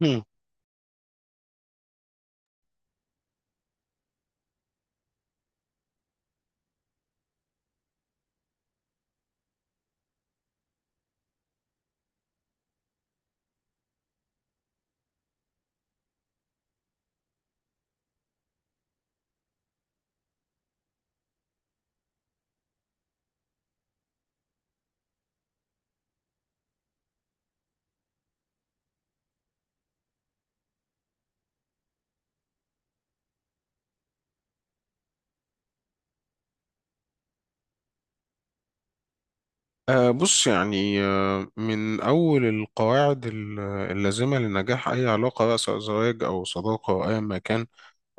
مم. بص يعني من أول القواعد اللازمة لنجاح أي علاقة بقى سواء زواج أو صداقة أو أيا ما كان،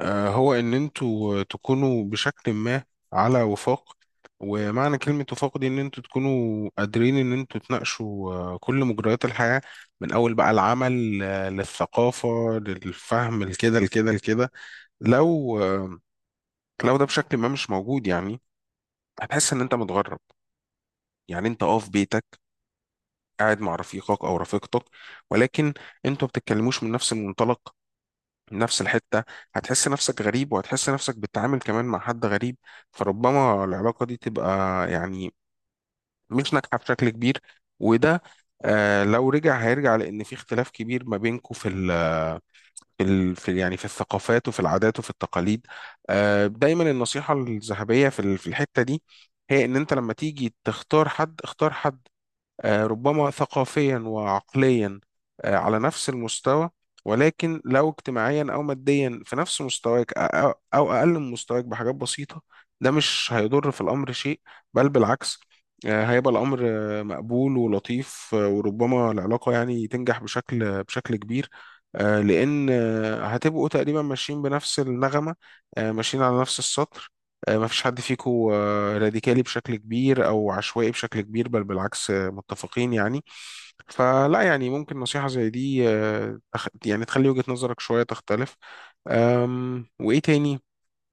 هو إن أنتوا تكونوا بشكل ما على وفاق. ومعنى كلمة وفاق دي إن أنتوا تكونوا قادرين إن أنتوا تناقشوا كل مجريات الحياة، من أول بقى العمل للثقافة للفهم لكده. لو آه، لو ده بشكل ما مش موجود يعني هتحس إن أنت متغرب. يعني أنت في بيتك قاعد مع رفيقك او رفيقتك، ولكن انتوا ما بتتكلموش من نفس المنطلق، من نفس الحته. هتحس نفسك غريب وهتحس نفسك بتتعامل كمان مع حد غريب، فربما العلاقه دي تبقى يعني مش ناجحه بشكل كبير. وده لو رجع هيرجع لان في اختلاف كبير ما بينكم يعني في الثقافات وفي العادات وفي التقاليد. دايما النصيحه الذهبيه في الحته دي هي ان انت لما تيجي تختار حد، اختار حد ربما ثقافيا وعقليا على نفس المستوى. ولكن لو اجتماعيا او ماديا في نفس مستواك او أو اقل من مستواك بحاجات بسيطة، ده مش هيضر في الامر شيء، بل بالعكس. هيبقى الامر مقبول ولطيف، وربما العلاقة يعني تنجح بشكل كبير. لان هتبقوا تقريبا ماشيين بنفس النغمة، ماشيين على نفس السطر. ما فيش حد فيكو راديكالي بشكل كبير او عشوائي بشكل كبير، بل بالعكس، متفقين يعني. فلا يعني ممكن نصيحة زي دي يعني تخلي وجهة نظرك شوية تختلف. وايه تاني؟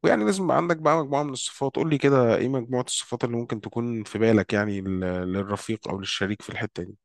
ويعني لازم يبقى عندك بقى مجموعة من الصفات. قول لي كده ايه مجموعة الصفات اللي ممكن تكون في بالك يعني للرفيق او للشريك في الحتة دي؟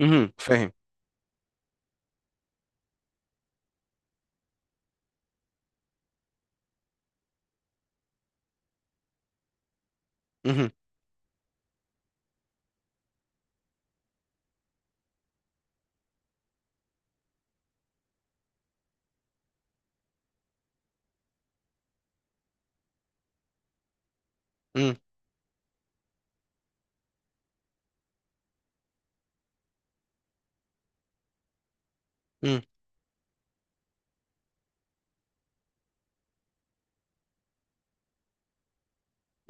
امم. فاهم. امم. امم.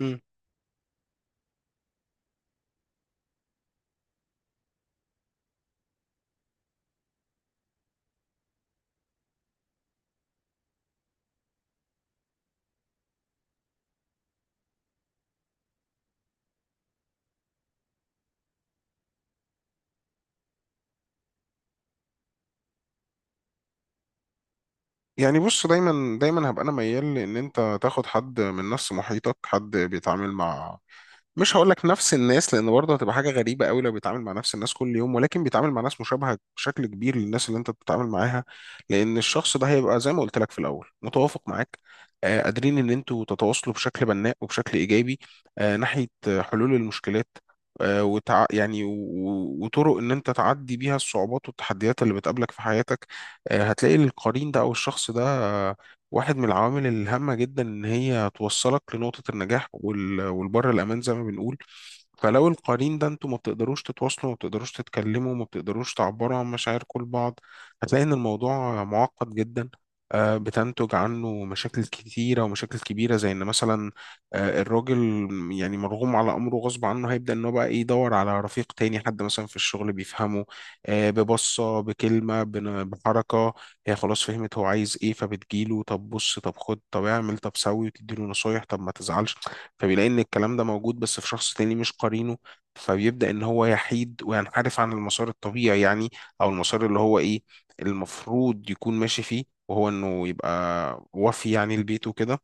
امم. يعني بص، دايما دايما هبقى انا ميال لان انت تاخد حد من نفس محيطك، حد بيتعامل مع، مش هقول لك نفس الناس لان برضه هتبقى حاجه غريبه قوي لو بيتعامل مع نفس الناس كل يوم، ولكن بيتعامل مع ناس مشابهه بشكل كبير للناس اللي انت بتتعامل معاها. لان الشخص ده هيبقى زي ما قلت لك في الاول متوافق معاك. قادرين ان انتوا تتواصلوا بشكل بناء وبشكل ايجابي ناحيه حلول المشكلات، يعني وطرق ان انت تعدي بيها الصعوبات والتحديات اللي بتقابلك في حياتك. هتلاقي القرين ده او الشخص ده واحد من العوامل الهامة جدا إن هي توصلك لنقطة النجاح والبر الأمان زي ما بنقول. فلو القرين ده انتوا ما بتقدروش تتواصلوا، ما بتقدروش تتكلموا، ما بتقدروش تعبروا عن مشاعركم لبعض، هتلاقي ان الموضوع معقد جدا. بتنتج عنه مشاكل كتيرة ومشاكل كبيرة، زي ان مثلا الراجل يعني مرغوم على امره غصب عنه، هيبدأ ان هو بقى إيه، يدور على رفيق تاني، حد مثلا في الشغل بيفهمه ببصة بكلمة بحركة. هي خلاص فهمت هو عايز ايه، فبتجيله طب بص طب خد طب اعمل طب سوي، وتديله نصايح طب ما تزعلش. فبيلاقي ان الكلام ده موجود بس في شخص تاني مش قرينه، فبيبدأ ان هو يحيد وينحرف عن المسار الطبيعي، يعني او المسار اللي هو ايه المفروض يكون ماشي فيه، وهو انه يبقى وفي يعني لبيته كده.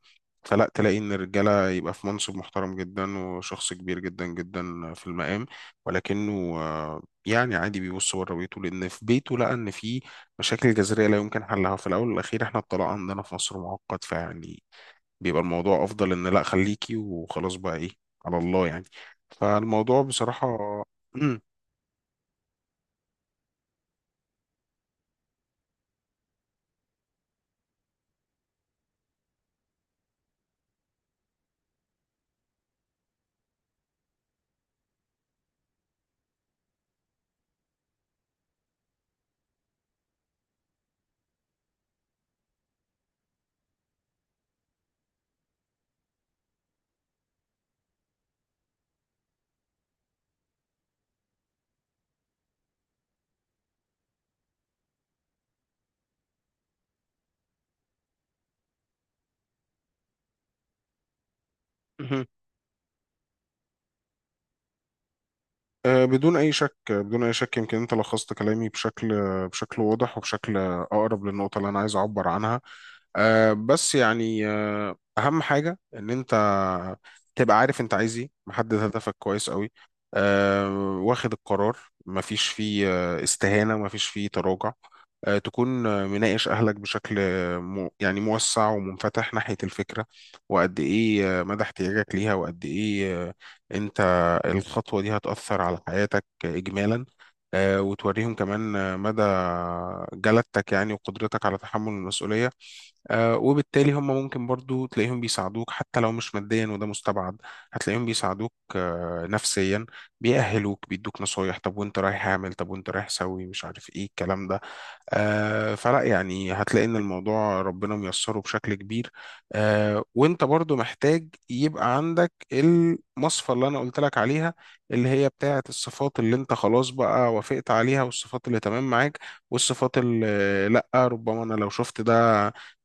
فلا تلاقي ان الرجاله يبقى في منصب محترم جدا وشخص كبير جدا جدا في المقام، ولكنه يعني عادي بيبص بره بيته لان في بيته لقى ان في مشاكل جذرية لا يمكن حلها. في الأول والأخير إحنا الطلاق عندنا في مصر معقد، فيعني بيبقى الموضوع أفضل إن لأ خليكي وخلاص بقى إيه، على الله يعني. فالموضوع بصراحة. مم. مهم. بدون أي شك، بدون أي شك، يمكن أنت لخصت كلامي بشكل واضح وبشكل أقرب للنقطة اللي أنا عايز أعبر عنها. بس يعني اهم حاجه ان انت تبقى عارف انت عايز ايه، محدد هدفك كويس قوي، أه واخد القرار. مفيش فيه استهانه، مفيش فيه تراجع. تكون مناقش أهلك بشكل مو يعني موسع ومنفتح ناحية الفكرة، وقد إيه مدى احتياجك ليها، وقد إيه أنت الخطوة دي هتأثر على حياتك إجمالا. وتوريهم كمان مدى جلدتك يعني وقدرتك على تحمل المسؤولية. وبالتالي هم ممكن برضو تلاقيهم بيساعدوك حتى لو مش ماديا، وده مستبعد، هتلاقيهم بيساعدوك نفسيا، بيأهلوك بيدوك نصايح طب وانت رايح اعمل طب وانت رايح سوي مش عارف ايه الكلام ده. فلا يعني هتلاقي ان الموضوع ربنا ميسره بشكل كبير. وانت برضو محتاج يبقى عندك المصفى اللي انا قلت لك عليها، اللي هي بتاعة الصفات اللي انت خلاص بقى وافقت عليها، والصفات اللي تمام معاك، والصفات اللي لا ربما انا لو شفت ده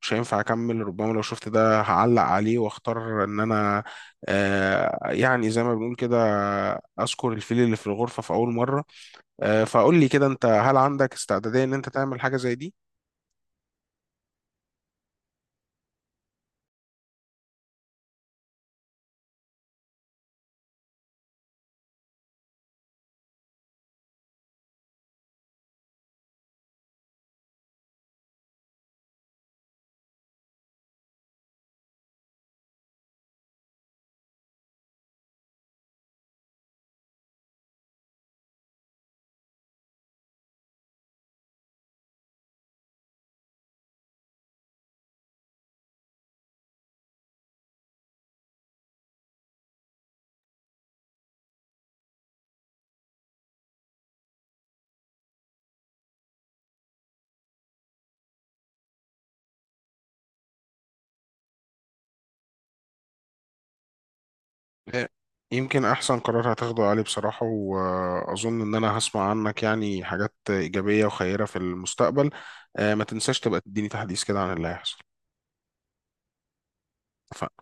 مش هينفع اكمل، ربما لو شفت ده هعلق عليه واختار ان انا يعني زي ما بنقول كده، اذكر الفيل اللي في الغرفة في اول مرة. فقول لي كده انت، هل عندك استعدادية ان انت تعمل حاجة زي دي؟ آه، يمكن احسن قرار هتاخده علي بصراحة، واظن ان انا هسمع عنك يعني حاجات ايجابية وخيرة في المستقبل. ما تنساش تبقى تديني تحديث كده عن اللي هيحصل. اتفقنا؟